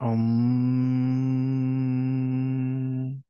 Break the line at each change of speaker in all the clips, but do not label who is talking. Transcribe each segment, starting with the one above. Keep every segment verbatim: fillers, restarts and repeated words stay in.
Um,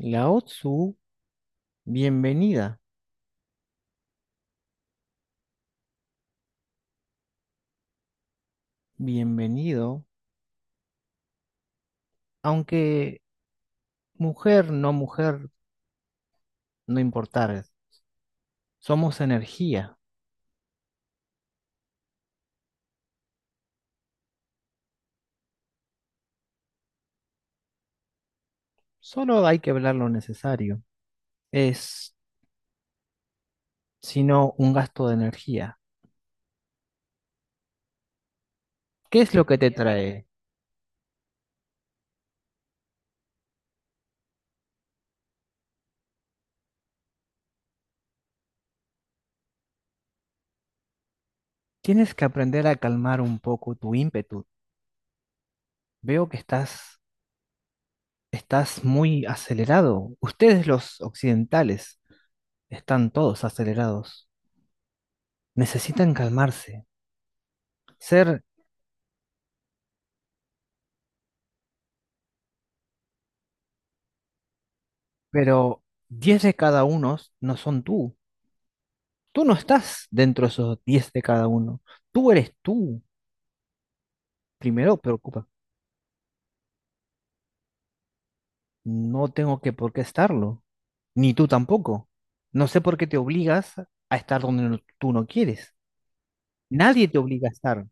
Lao Tzu, bienvenida, bienvenido, aunque mujer, no mujer, no importar, somos energía, solo hay que hablar lo necesario, es sino un gasto de energía. ¿Qué es lo que te trae? Tienes que aprender a calmar un poco tu ímpetu. Veo que estás, estás muy acelerado. Ustedes los occidentales están todos acelerados. Necesitan calmarse. ser, pero diez de cada uno no son tú. Tú no estás dentro de esos diez de cada uno. Tú eres tú. Primero preocupa. No tengo que por qué estarlo. Ni tú tampoco. No sé por qué te obligas a estar donde no- tú no quieres. Nadie te obliga a estar.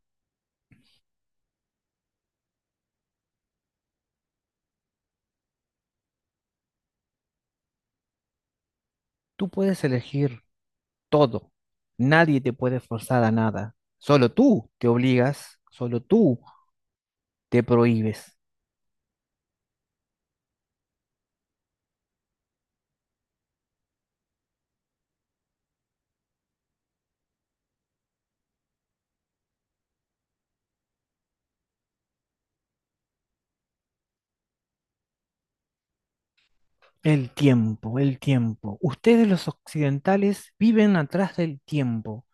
Tú puedes elegir todo. Nadie te puede forzar a nada. Solo tú te obligas, solo tú te prohíbes. El tiempo, el tiempo. Ustedes los occidentales viven atrás del tiempo.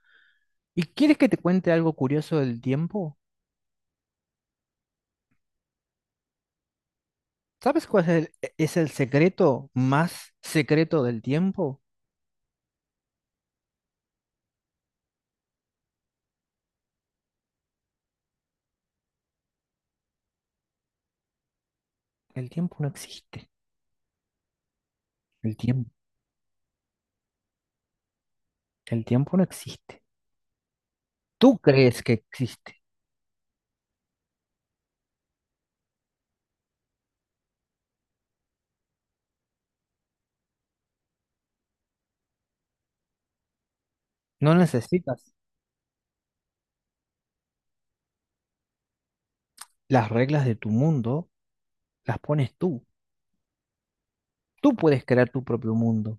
¿Y quieres que te cuente algo curioso del tiempo? ¿Sabes cuál es el, e- es el secreto más secreto del tiempo? El tiempo no existe. El tiempo, el tiempo no existe. Tú crees que existe. No necesitas las reglas de tu mundo, las pones tú. Tú puedes crear tu propio mundo.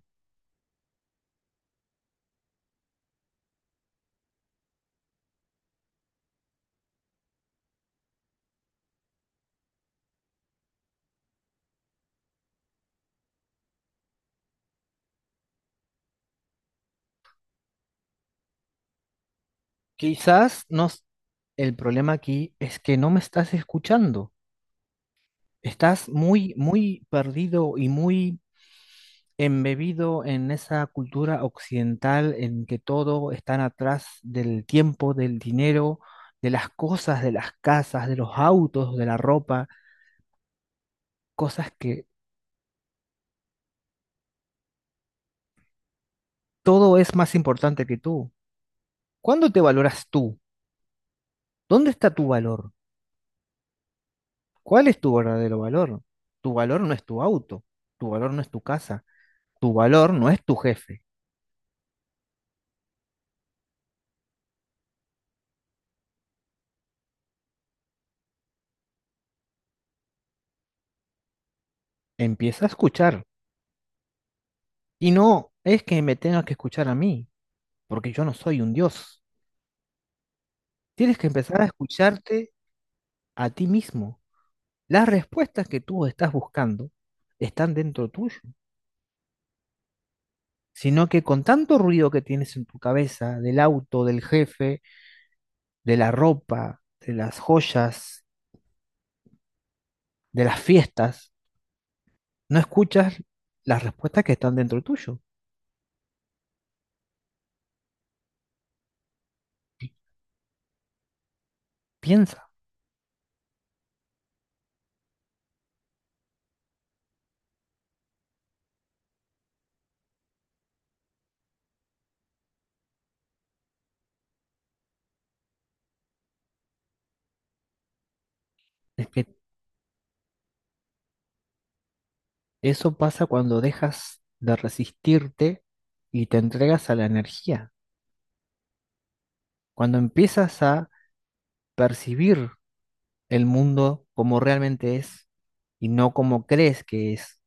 Quizás no, s- El problema aquí es que no me estás escuchando. Estás muy, muy perdido y muy embebido en esa cultura occidental en que todo está atrás del tiempo, del dinero, de las cosas, de las casas, de los autos, de la ropa, cosas que todo es más importante que tú. ¿Cuándo te valoras tú? ¿Dónde está tu valor? ¿Cuál es tu verdadero valor? Tu valor no es tu auto, tu valor no es tu casa, tu valor no es tu jefe. Empieza a escuchar. Y no es que me tengas que escuchar a mí, porque yo no soy un dios. Tienes que empezar a escucharte a ti mismo. Las respuestas que tú estás buscando están dentro tuyo, sino que con tanto ruido que tienes en tu cabeza, del auto, del jefe, de la ropa, de las joyas, de las fiestas, no escuchas las respuestas que están dentro tuyo. Piensa, es que eso pasa cuando dejas de resistirte y te entregas a la energía, cuando empiezas a percibir el mundo como realmente es y no como crees que es.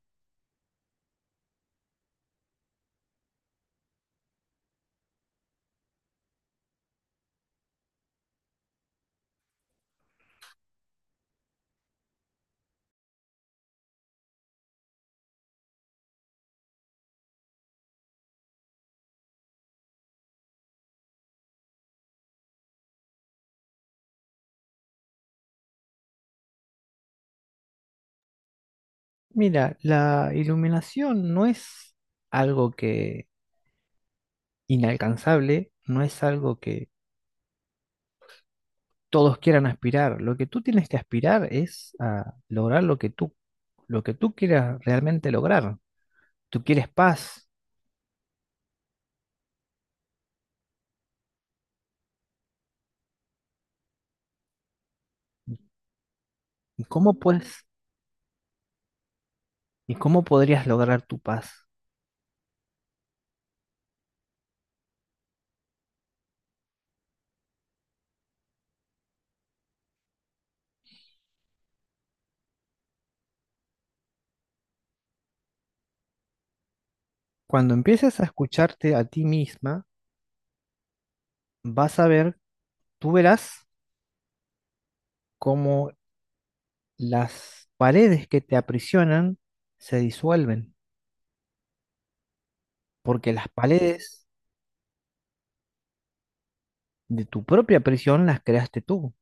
Mira, la iluminación no es algo que inalcanzable, no es algo que todos quieran aspirar. Lo que tú tienes que aspirar es a lograr lo que tú, lo que tú quieras realmente lograr. Tú quieres paz. ¿Y cómo puedes? ¿Y cómo podrías lograr tu paz? Cuando empieces a escucharte a ti misma, vas a ver, tú verás cómo las paredes que te aprisionan se disuelven, porque las paredes de tu propia prisión las creaste tú.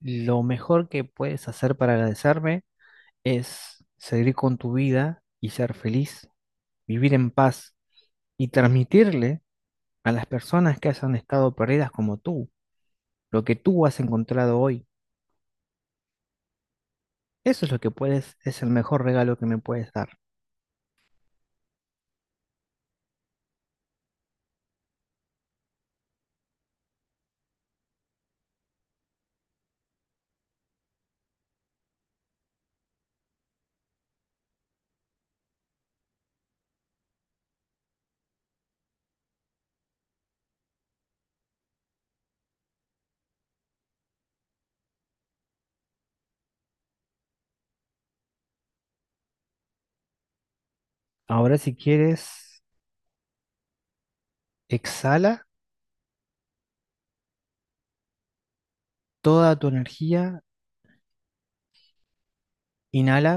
Lo mejor que puedes hacer para agradecerme es seguir con tu vida y ser feliz, vivir en paz y transmitirle a las personas que hayan estado perdidas como tú lo que tú has encontrado hoy. Eso es lo que puedes, es el mejor regalo que me puedes dar. Ahora si quieres, exhala toda tu energía, inhala